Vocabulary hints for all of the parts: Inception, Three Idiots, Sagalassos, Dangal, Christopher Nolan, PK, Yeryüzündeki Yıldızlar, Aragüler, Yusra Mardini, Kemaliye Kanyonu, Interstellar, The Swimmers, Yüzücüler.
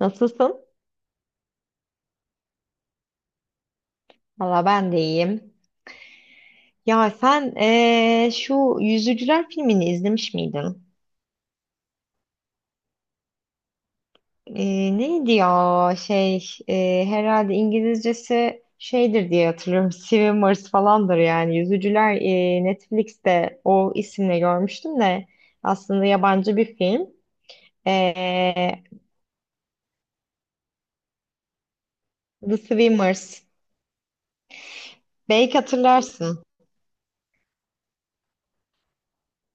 Nasılsın? Valla ben de iyiyim. Ya sen şu Yüzücüler filmini izlemiş miydin? Neydi ya herhalde İngilizcesi şeydir diye hatırlıyorum. Swimmers falandır yani. Yüzücüler Netflix'te o isimle görmüştüm de aslında yabancı bir film. Eee, The Swimmers. Belki hatırlarsın.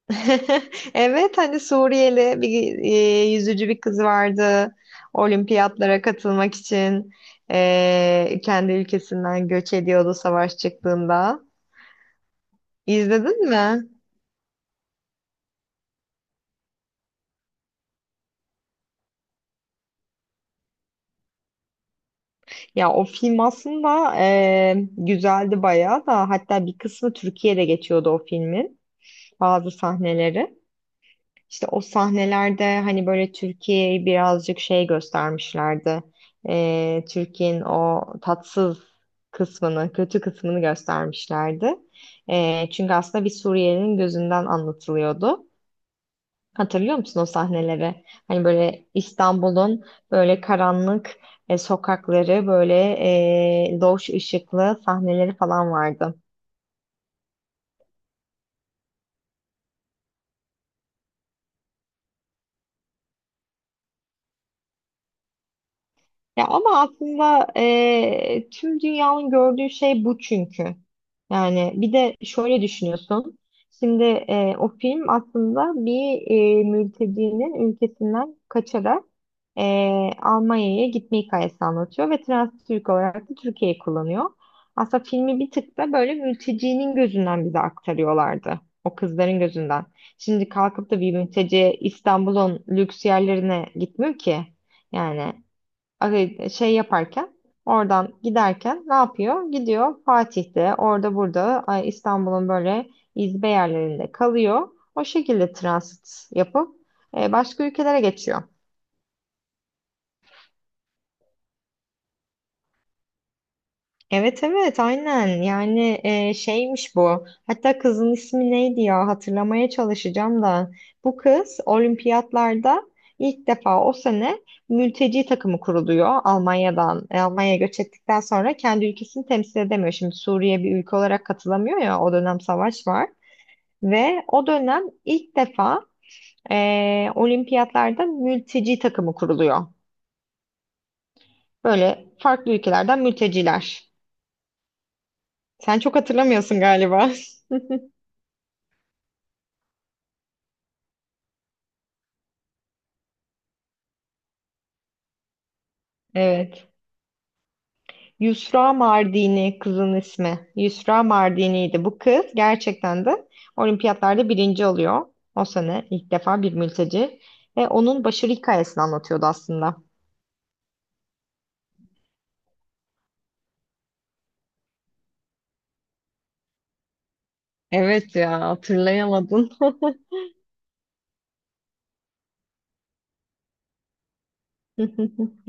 Evet, hani Suriyeli bir yüzücü bir kız vardı, olimpiyatlara katılmak için kendi ülkesinden göç ediyordu savaş çıktığında. İzledin mi? Ya o film aslında güzeldi bayağı da, hatta bir kısmı Türkiye'de geçiyordu o filmin bazı sahneleri. İşte o sahnelerde hani böyle Türkiye'yi birazcık şey göstermişlerdi. Türkiye'nin o tatsız kısmını, kötü kısmını göstermişlerdi. Çünkü aslında bir Suriyelinin gözünden anlatılıyordu. Hatırlıyor musun o sahneleri? Hani böyle İstanbul'un böyle karanlık sokakları, böyle loş ışıklı sahneleri falan vardı. Ya ama aslında tüm dünyanın gördüğü şey bu çünkü. Yani bir de şöyle düşünüyorsun. Şimdi o film aslında bir mültecinin ülkesinden kaçarak Almanya'ya gitme hikayesi anlatıyor ve trans Türk olarak da Türkiye'yi kullanıyor. Aslında filmi bir tık da böyle mültecinin gözünden bize aktarıyorlardı. O kızların gözünden. Şimdi kalkıp da bir mülteci İstanbul'un lüks yerlerine gitmiyor ki. Yani. Şey yaparken oradan giderken ne yapıyor? Gidiyor Fatih'te orada burada, ay, İstanbul'un böyle izbe yerlerinde kalıyor. O şekilde transit yapıp başka ülkelere geçiyor. Evet, evet, aynen yani, şeymiş bu, hatta kızın ismi neydi ya, hatırlamaya çalışacağım da bu kız olimpiyatlarda ilk defa o sene mülteci takımı kuruluyor Almanya'dan, Almanya'ya göç ettikten sonra kendi ülkesini temsil edemiyor, şimdi Suriye bir ülke olarak katılamıyor ya, o dönem savaş var ve o dönem ilk defa e, olimpiyatlarda mülteci takımı kuruluyor, böyle farklı ülkelerden mülteciler. Sen çok hatırlamıyorsun galiba. Evet. Yusra Mardini, kızın ismi. Yusra Mardini'ydi. Bu kız gerçekten de olimpiyatlarda birinci oluyor. O sene ilk defa bir mülteci. Ve onun başarı hikayesini anlatıyordu aslında. Evet ya, hatırlayamadın.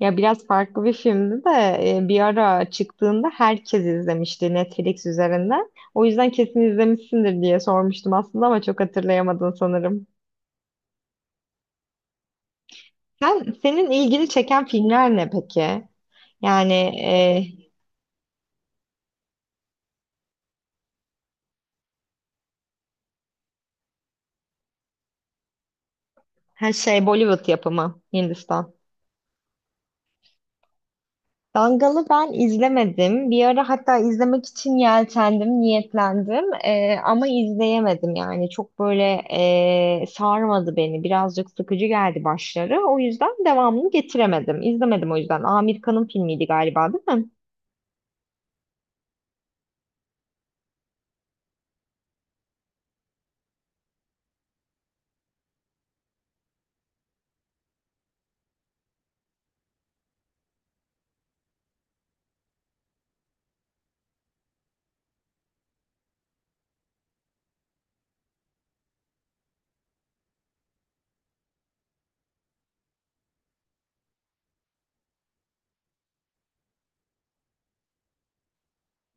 Ya biraz farklı bir filmdi de bir ara çıktığında herkes izlemişti Netflix üzerinden. O yüzden kesin izlemişsindir diye sormuştum aslında, ama çok hatırlayamadın sanırım. Senin ilgini çeken filmler ne peki? Yani her şey Bollywood yapımı, Hindistan. Dangal'ı ben izlemedim. Bir ara hatta izlemek için yeltendim, niyetlendim. Ama izleyemedim yani. Çok böyle sarmadı beni. Birazcık sıkıcı geldi başları. O yüzden devamını getiremedim. İzlemedim o yüzden. Amerikanın filmiydi galiba, değil mi?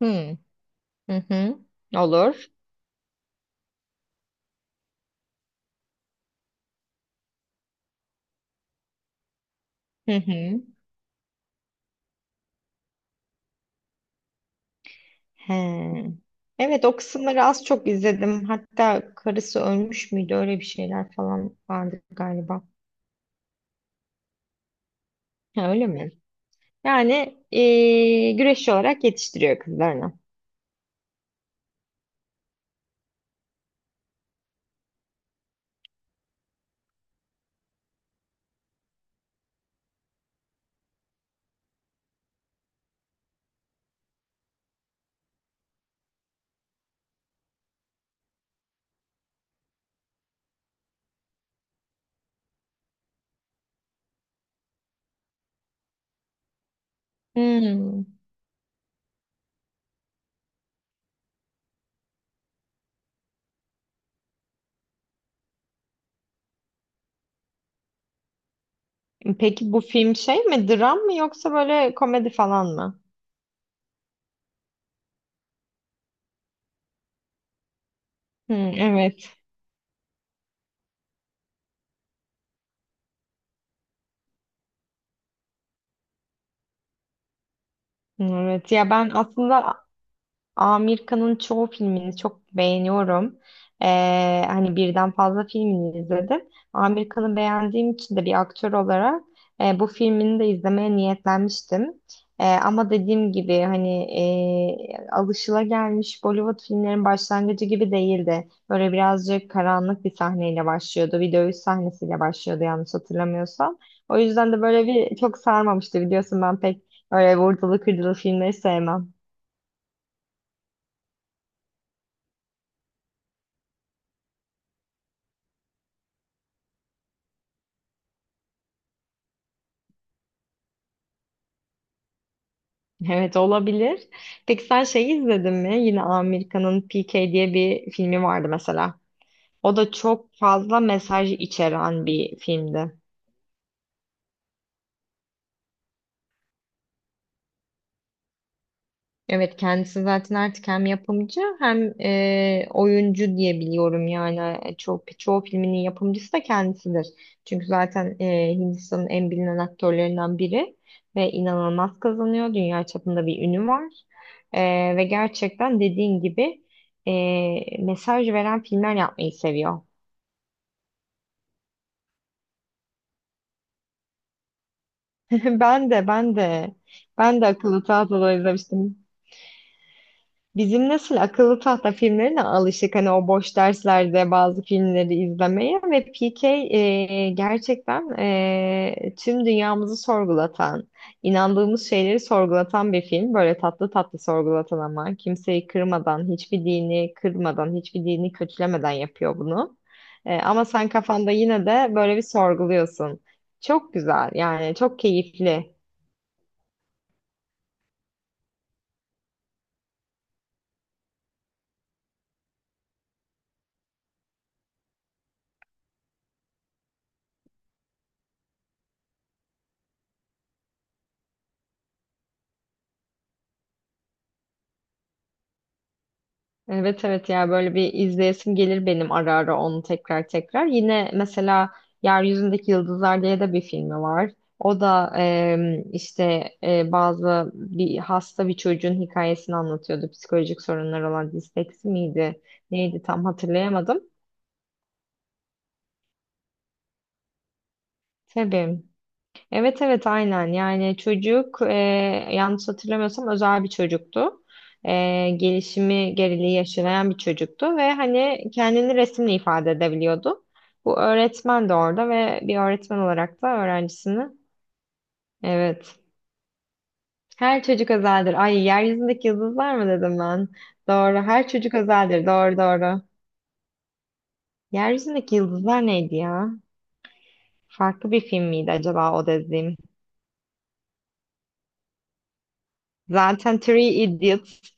Hmm. Hı hı. Olur. Hı hı. He. Evet, o kısımları az çok izledim. Hatta karısı ölmüş müydü? Öyle bir şeyler falan vardı galiba. Ha, öyle mi? Yani güreşçi olarak yetiştiriyor kızlarını. Hmm. Peki bu film şey mi? Dram mı yoksa böyle komedi falan mı? Hmm, evet. Evet. Ya ben aslında Amerika'nın çoğu filmini çok beğeniyorum. Hani birden fazla filmini izledim. Amerika'nı beğendiğim için de bir aktör olarak bu filmini de izlemeye niyetlenmiştim. Ama dediğim gibi hani alışılagelmiş Bollywood filmlerin başlangıcı gibi değildi. Böyle birazcık karanlık bir sahneyle başlıyordu. Bir dövüş sahnesiyle başlıyordu yanlış hatırlamıyorsam. O yüzden de böyle bir çok sarmamıştı, biliyorsun ben pek öyle vurdulu kırdılı filmleri sevmem. Evet, olabilir. Peki sen şeyi izledin mi? Yine Amerika'nın PK diye bir filmi vardı mesela. O da çok fazla mesaj içeren bir filmdi. Evet, kendisi zaten artık hem yapımcı hem oyuncu diye biliyorum yani, çok çoğu filminin yapımcısı da kendisidir. Çünkü zaten Hindistan'ın en bilinen aktörlerinden biri ve inanılmaz kazanıyor. Dünya çapında bir ünü var. Ve gerçekten dediğin gibi mesaj veren filmler yapmayı seviyor. Ben de ben de Ben de akıllı tahtaları izlemiştim. Bizim nesil akıllı tahta filmlerine alışık, hani o boş derslerde bazı filmleri izlemeye, ve PK gerçekten tüm dünyamızı sorgulatan, inandığımız şeyleri sorgulatan bir film. Böyle tatlı tatlı sorgulatan, ama kimseyi kırmadan, hiçbir dini kırmadan, hiçbir dini kötülemeden yapıyor bunu. Ama sen kafanda yine de böyle bir sorguluyorsun. Çok güzel yani, çok keyifli. Evet, evet ya, böyle bir izleyesim gelir benim ara ara onu tekrar tekrar. Yine mesela Yeryüzündeki Yıldızlar diye de bir filmi var. O da işte bazı bir hasta bir çocuğun hikayesini anlatıyordu. Psikolojik sorunlar olan, disleksi miydi? Neydi tam hatırlayamadım. Tabii. Evet, evet, aynen yani, çocuk yanlış hatırlamıyorsam özel bir çocuktu. Gelişimi geriliği yaşayan bir çocuktu ve hani kendini resimle ifade edebiliyordu. Bu öğretmen de orada, ve bir öğretmen olarak da öğrencisini. Evet. Her çocuk özeldir. Ay, yeryüzündeki yıldızlar mı dedim ben? Doğru. Her çocuk özeldir. Doğru, doğru. Yeryüzündeki yıldızlar neydi ya? Farklı bir film miydi acaba o dediğim? Zaten Three Idiots.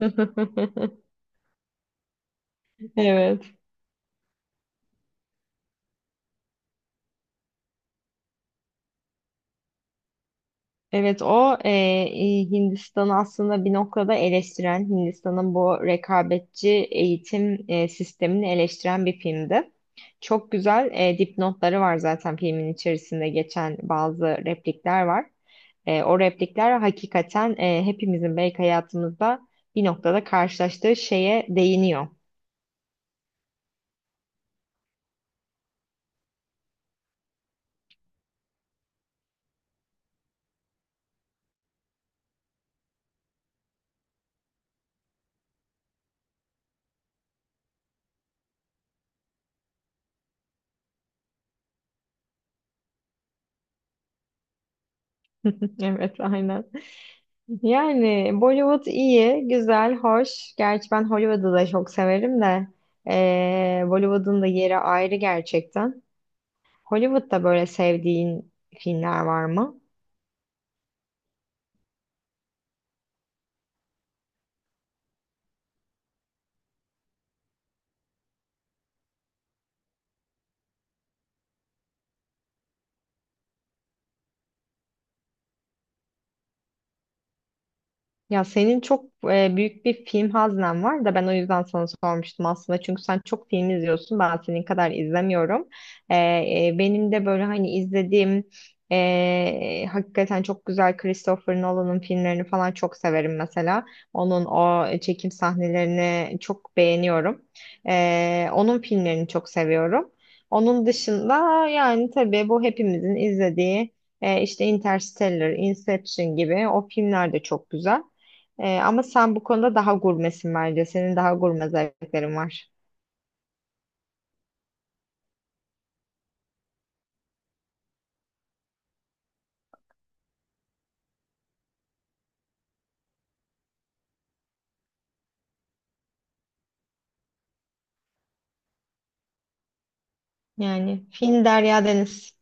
Evet. Evet, o Hindistan'ı aslında bir noktada eleştiren, Hindistan'ın bu rekabetçi eğitim sistemini eleştiren bir filmdi. Çok güzel dipnotları var, zaten filmin içerisinde geçen bazı replikler var. O replikler hakikaten hepimizin belki hayatımızda bir noktada karşılaştığı şeye değiniyor. Evet, aynen. Yani Bollywood iyi, güzel, hoş. Gerçi ben Hollywood'u da çok severim de Bollywood'un da yeri ayrı gerçekten. Hollywood'da böyle sevdiğin filmler var mı? Ya senin çok büyük bir film haznen var da, ben o yüzden sana sormuştum aslında. Çünkü sen çok film izliyorsun. Ben senin kadar izlemiyorum. E, Benim de böyle hani izlediğim hakikaten çok güzel, Christopher Nolan'ın filmlerini falan çok severim mesela. Onun o çekim sahnelerini çok beğeniyorum. Onun filmlerini çok seviyorum. Onun dışında yani tabii bu hepimizin izlediği işte Interstellar, Inception gibi o filmler de çok güzel. Ama sen bu konuda daha gurmesin bence. Senin daha gurme zevklerin var. Yani film Derya Deniz.